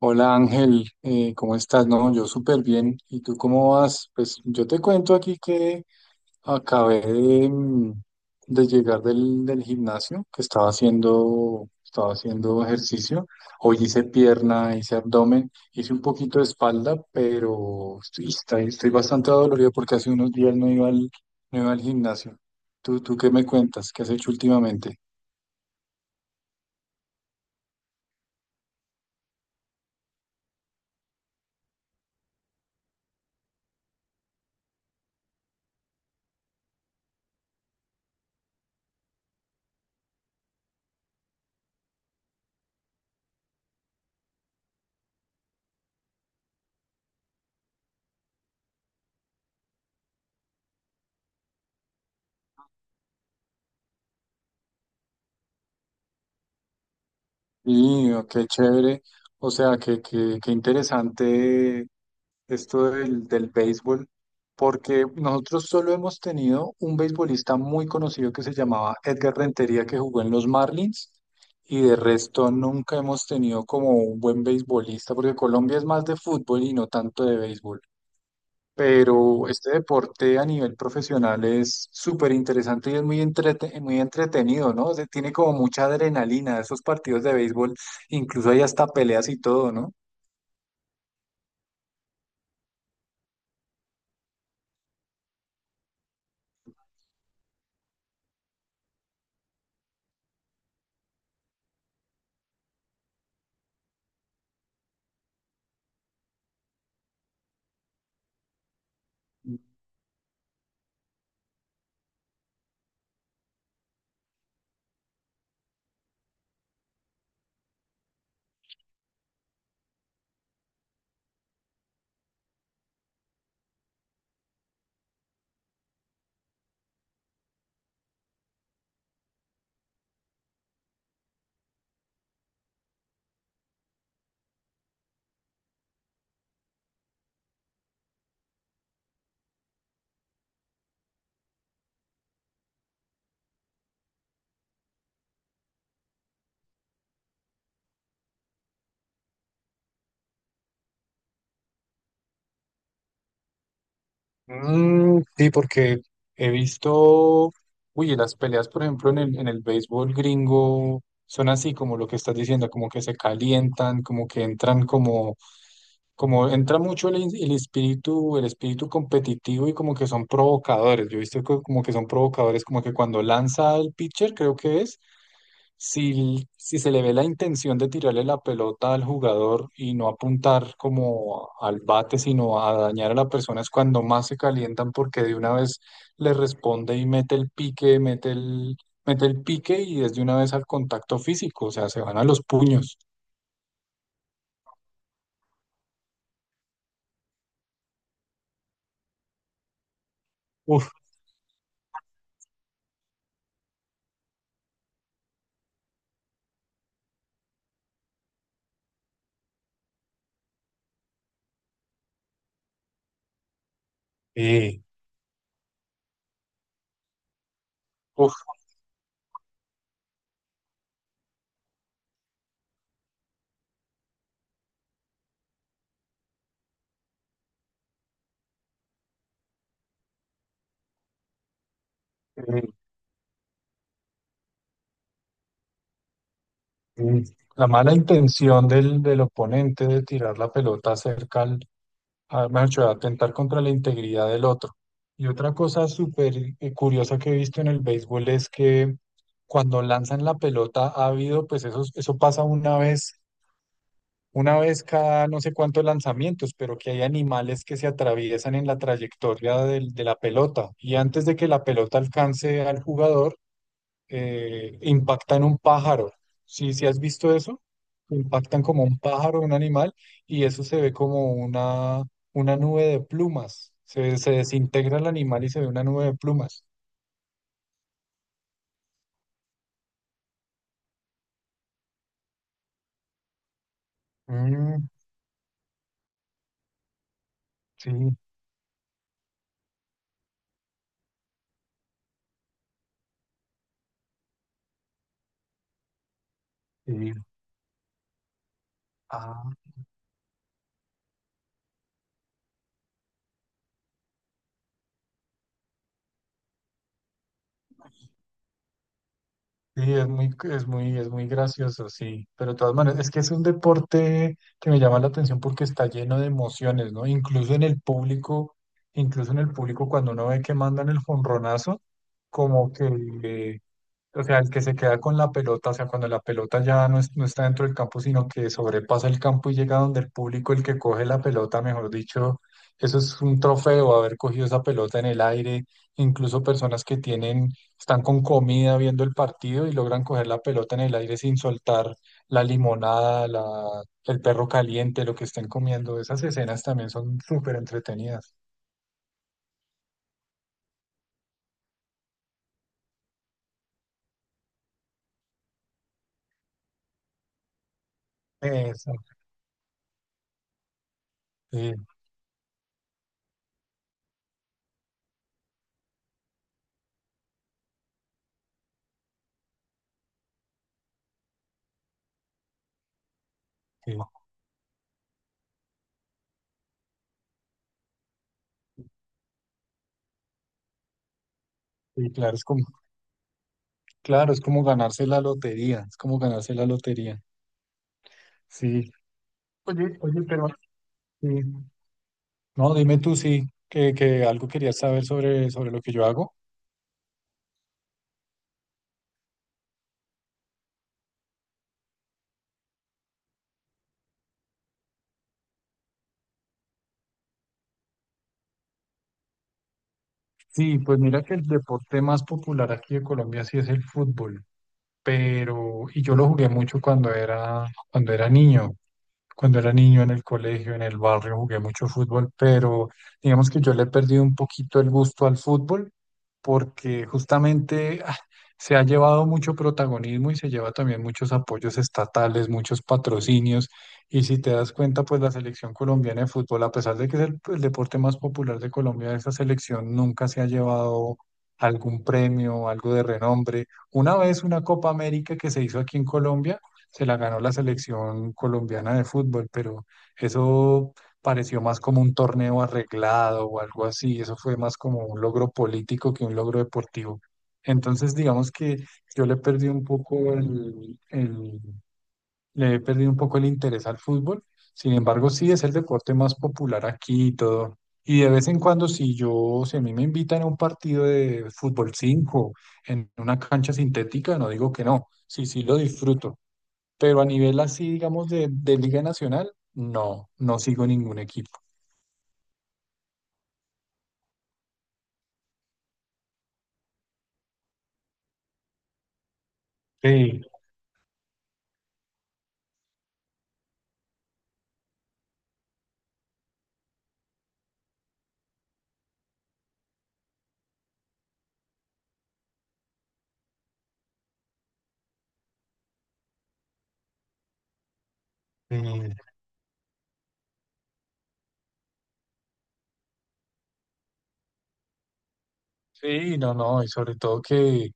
Hola Ángel, ¿cómo estás? No, yo súper bien. ¿Y tú cómo vas? Pues yo te cuento aquí que acabé de de llegar del gimnasio, que estaba haciendo ejercicio. Hoy hice pierna, hice abdomen, hice un poquito de espalda, pero estoy bastante dolorido porque hace unos días no iba no iba al gimnasio. ¿Tú qué me cuentas? ¿Qué has hecho últimamente? Y oh, qué chévere. O sea, qué interesante esto del béisbol, porque nosotros solo hemos tenido un beisbolista muy conocido que se llamaba Edgar Rentería, que jugó en los Marlins, y de resto nunca hemos tenido como un buen beisbolista, porque Colombia es más de fútbol y no tanto de béisbol. Pero este deporte a nivel profesional es súper interesante y es muy entretenido, ¿no? O sea, tiene como mucha adrenalina, esos partidos de béisbol, incluso hay hasta peleas y todo, ¿no? Mm, sí, porque he visto, uy, las peleas, por ejemplo, en en el béisbol gringo son así como lo que estás diciendo, como que se calientan, como entra mucho el espíritu competitivo y como que son provocadores. Yo he visto que como que son provocadores, como que cuando lanza el pitcher, creo que es, si se le ve la intención de tirarle la pelota al jugador y no apuntar como al bate, sino a dañar a la persona, es cuando más se calientan porque de una vez le responde y mete el pique, mete el pique y es de una vez al contacto físico, o sea, se van a los puños. Uf, eh, uf, eh, eh. La mala intención del oponente de tirar la pelota cerca al, a, mejor dicho, atentar contra la integridad del otro. Y otra cosa súper curiosa que he visto en el béisbol es que cuando lanzan la pelota ha habido, pues eso pasa una vez cada no sé cuántos lanzamientos, pero que hay animales que se atraviesan en la trayectoria de la pelota. Y antes de que la pelota alcance al jugador, impactan un pájaro. Sí has visto eso? Impactan como un pájaro, un animal, y eso se ve como una nube de plumas. Se desintegra el animal y se ve una nube de plumas. Mm, sí, sí. Ah, sí, es muy gracioso, sí. Pero de todas maneras, es que es un deporte que me llama la atención porque está lleno de emociones, ¿no? Incluso en el público, cuando uno ve que mandan el jonronazo, como que eh, o sea, el que se queda con la pelota, o sea, cuando la pelota no está dentro del campo, sino que sobrepasa el campo y llega donde el público, el que coge la pelota, mejor dicho, eso es un trofeo, haber cogido esa pelota en el aire. Incluso personas que tienen, están con comida viendo el partido y logran coger la pelota en el aire sin soltar la limonada, la, el perro caliente, lo que estén comiendo. Esas escenas también son súper entretenidas. Eso, sí, sí, sí, claro, es como claro, es como ganarse la lotería, es como ganarse la lotería. Sí. Oye, oye, pero sí. No, dime tú sí, que algo querías saber sobre lo que yo hago. Sí, pues mira que el deporte más popular aquí de Colombia sí es el fútbol, pero, y yo lo jugué mucho cuando era niño. Cuando era niño en el colegio, en el barrio, jugué mucho fútbol, pero digamos que yo le he perdido un poquito el gusto al fútbol porque justamente se ha llevado mucho protagonismo y se lleva también muchos apoyos estatales, muchos patrocinios. Y si te das cuenta, pues la selección colombiana de fútbol, a pesar de que es el deporte más popular de Colombia, esa selección nunca se ha llevado algún premio, algo de renombre. Una vez una Copa América que se hizo aquí en Colombia se la ganó la selección colombiana de fútbol, pero eso pareció más como un torneo arreglado o algo así, eso fue más como un logro político que un logro deportivo. Entonces, digamos que yo le perdí un poco le he perdido un poco el interés al fútbol. Sin embargo, sí es el deporte más popular aquí y todo. Y de vez en cuando, si a mí me invitan a un partido de fútbol 5 en una cancha sintética, no digo que no. Sí, sí lo disfruto. Pero a nivel así, digamos, de Liga Nacional, no, no sigo ningún equipo. Sí, sí, sí, no, no, y sobre todo que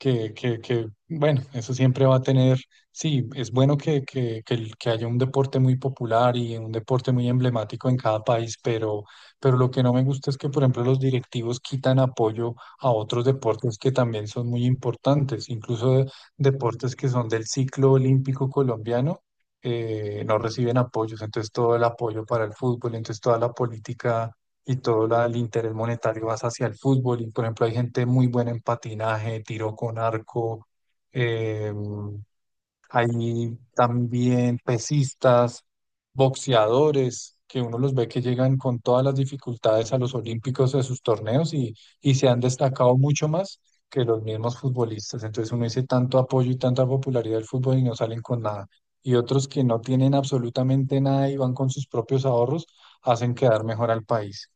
que, que, que, bueno, eso siempre va a tener, sí, es bueno que que haya un deporte muy popular y un deporte muy emblemático en cada país, pero lo que no me gusta es que, por ejemplo, los directivos quitan apoyo a otros deportes que también son muy importantes, incluso deportes que son del ciclo olímpico colombiano. No reciben apoyos, entonces todo el apoyo para el fútbol, entonces toda la política y todo el interés monetario vas hacia el fútbol. Y por ejemplo, hay gente muy buena en patinaje, tiro con arco, eh, hay también pesistas, boxeadores, que uno los ve que llegan con todas las dificultades a los olímpicos de sus torneos y se han destacado mucho más que los mismos futbolistas. Entonces uno dice tanto apoyo y tanta popularidad del fútbol y no salen con nada. Y otros que no tienen absolutamente nada y van con sus propios ahorros, hacen quedar mejor al país.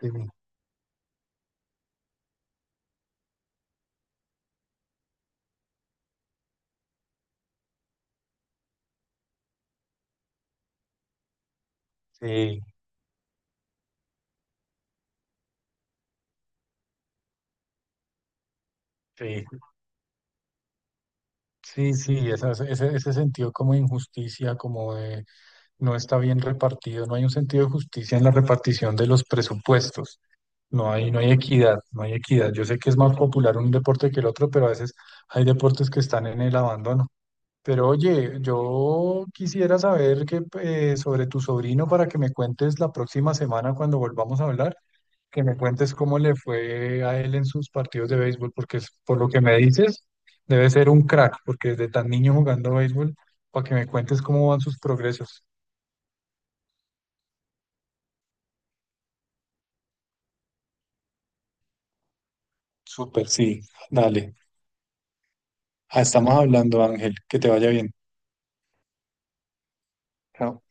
Sí, sí, sí, ese, ese sentido como de injusticia, como de no está bien repartido, no hay un sentido de justicia en la repartición de los presupuestos, no hay equidad, no hay equidad. Yo sé que es más popular un deporte que el otro, pero a veces hay deportes que están en el abandono. Pero oye, yo quisiera saber que, sobre tu sobrino para que me cuentes la próxima semana cuando volvamos a hablar. Que me cuentes cómo le fue a él en sus partidos de béisbol, porque por lo que me dices, debe ser un crack, porque desde tan niño jugando béisbol, para que me cuentes cómo van sus progresos. Súper, sí, dale. Ah, estamos hablando, Ángel, que te vaya bien. Chao.